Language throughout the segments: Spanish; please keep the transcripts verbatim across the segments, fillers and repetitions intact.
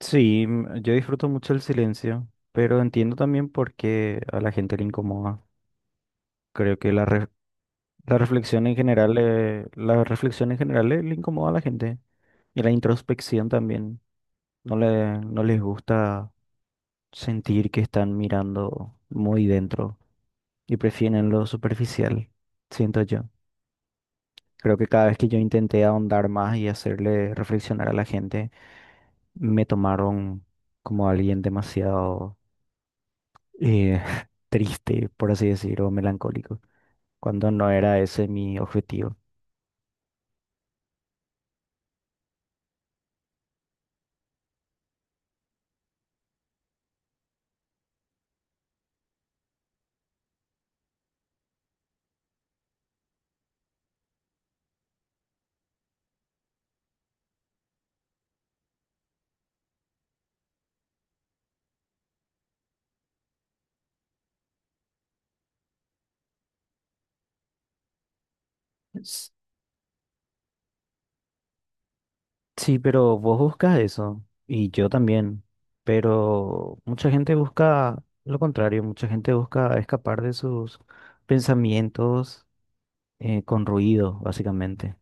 Sí, mm, yo disfruto mucho el silencio, pero entiendo también por qué a la gente le incomoda. Creo que la, re- la reflexión en general, eh, la reflexión en general le, le incomoda a la gente. Y la introspección también. No le, no les gusta sentir que están mirando muy dentro y prefieren lo superficial, siento yo. Creo que cada vez que yo intenté ahondar más y hacerle reflexionar a la gente, me tomaron como alguien demasiado eh, triste, por así decirlo, melancólico, cuando no era ese mi objetivo. S- Sí, pero vos buscas eso, y yo también, pero mucha gente busca lo contrario, mucha gente busca escapar de sus pensamientos eh, con ruido, básicamente.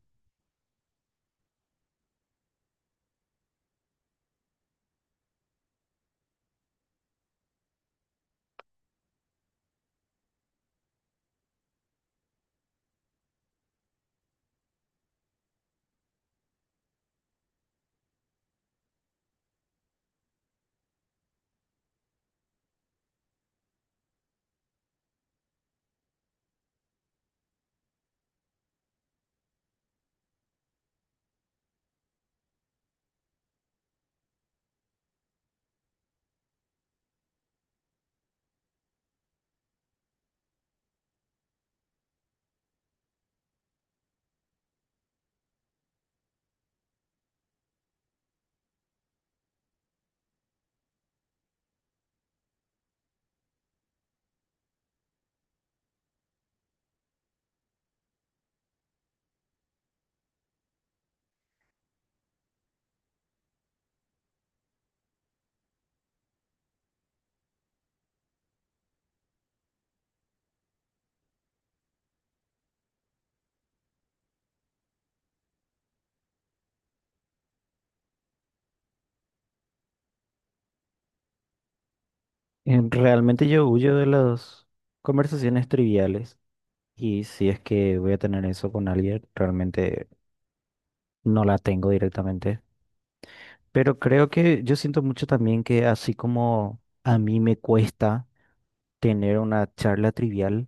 Em, Realmente yo huyo de las conversaciones triviales, y si es que voy a tener eso con alguien, realmente no la tengo directamente. Pero creo que yo siento mucho también que así como a mí me cuesta tener una charla trivial,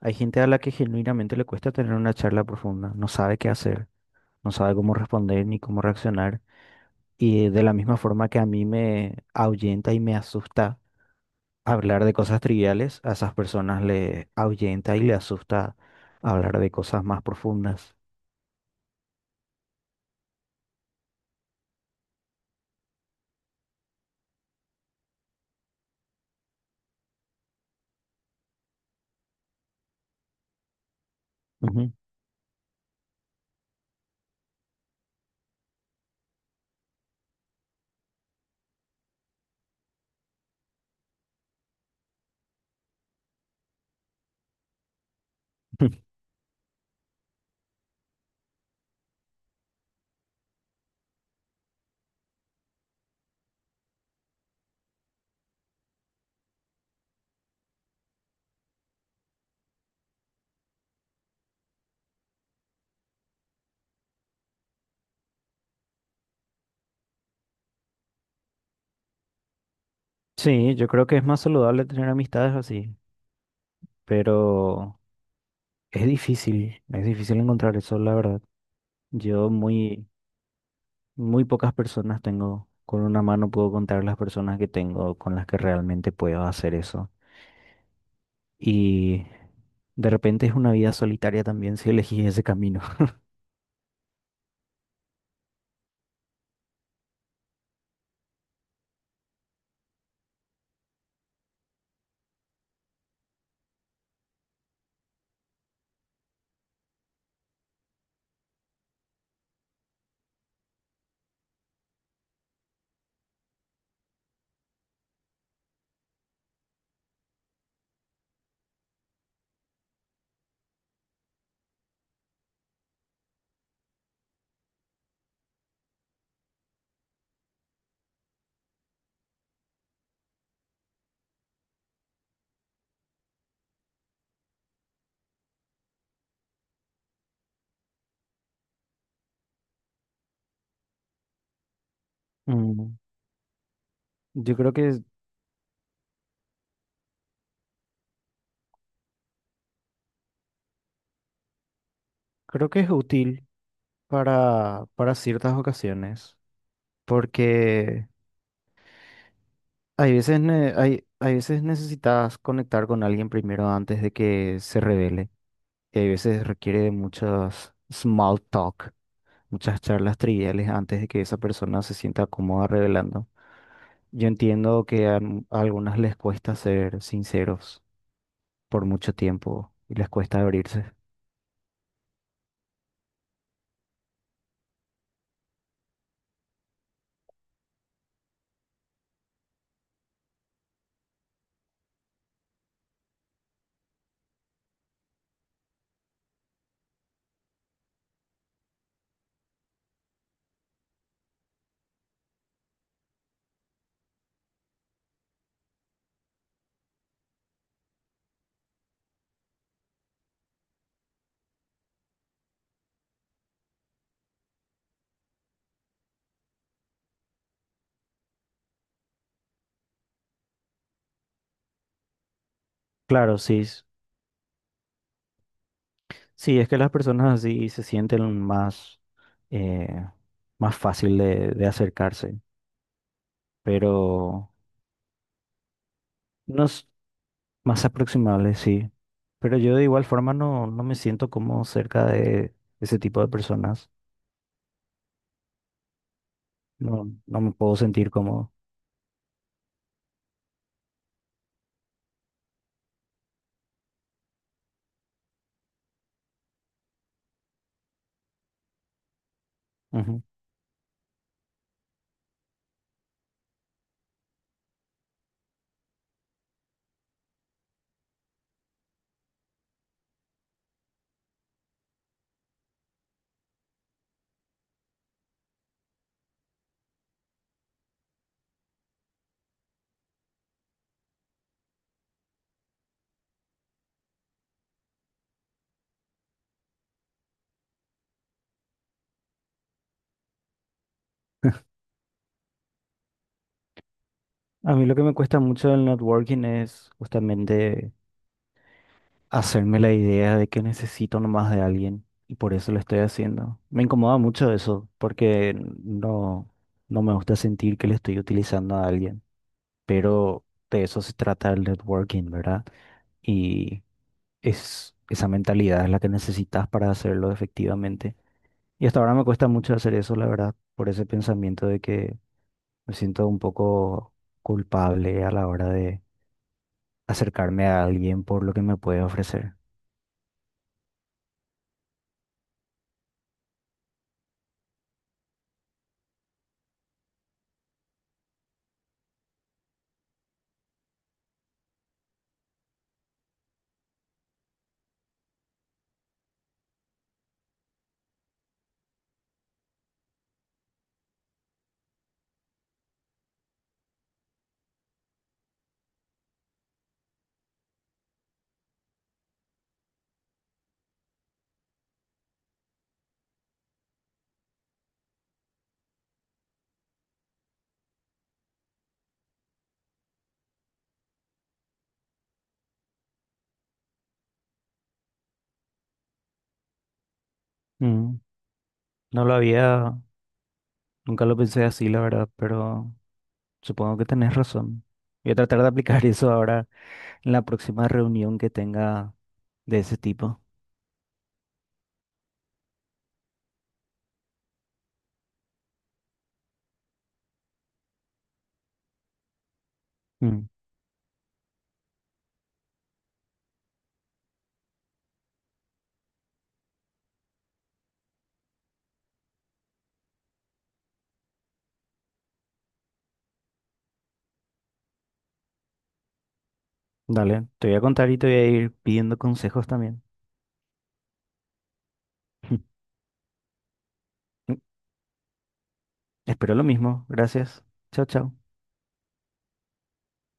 hay gente a la que genuinamente le cuesta tener una charla profunda, no sabe qué hacer, no sabe cómo responder ni cómo reaccionar. Y de la misma forma que a mí me ahuyenta y me asusta hablar de cosas triviales, a esas personas le ahuyenta y le asusta hablar de cosas más profundas. Ujú. Sí, yo creo que es más saludable tener amistades así, pero... Es difícil, es difícil encontrar eso, la verdad. Yo muy, muy pocas personas tengo, con una mano puedo contar las personas que tengo con las que realmente puedo hacer eso. Y de repente es una vida solitaria también si elegís ese camino. Mm, yo creo que, es- creo que es útil para, para ciertas ocasiones, porque hay veces, ne- hay, hay veces necesitas conectar con alguien primero antes de que se revele. Que a veces requiere de muchas small talk, muchas charlas triviales antes de que esa persona se sienta cómoda revelando. Yo entiendo que a, m- a algunas les cuesta ser sinceros por mucho tiempo y les cuesta abrirse. Claro, sí, s- sí, es que las personas así se sienten más, eh, más fácil de, de acercarse, pero no s- más aproximables, sí. Pero yo de igual forma no, no me siento como cerca de ese tipo de personas. No, no me puedo sentir cómodo. Ujú. A mí lo que me cuesta mucho del networking es justamente hacerme la idea de que necesito nomás de alguien y por eso lo estoy haciendo. Me incomoda mucho eso porque no, no me gusta sentir que le estoy utilizando a alguien, pero de eso se trata el networking, ¿verdad? Y es esa mentalidad es la que necesitas para hacerlo efectivamente. Y hasta ahora me cuesta mucho hacer eso, la verdad, por ese pensamiento de que me siento un poco culpable a la hora de acercarme a alguien por lo que me puede ofrecer. Mm, no lo había, nunca lo pensé así, la verdad, pero supongo que tenés razón. Voy a tratar de aplicar eso ahora en la próxima reunión que tenga de ese tipo. Mm, dale, te voy a contar y te voy a ir pidiendo consejos también. Espero lo mismo. Gracias. Chao, chao.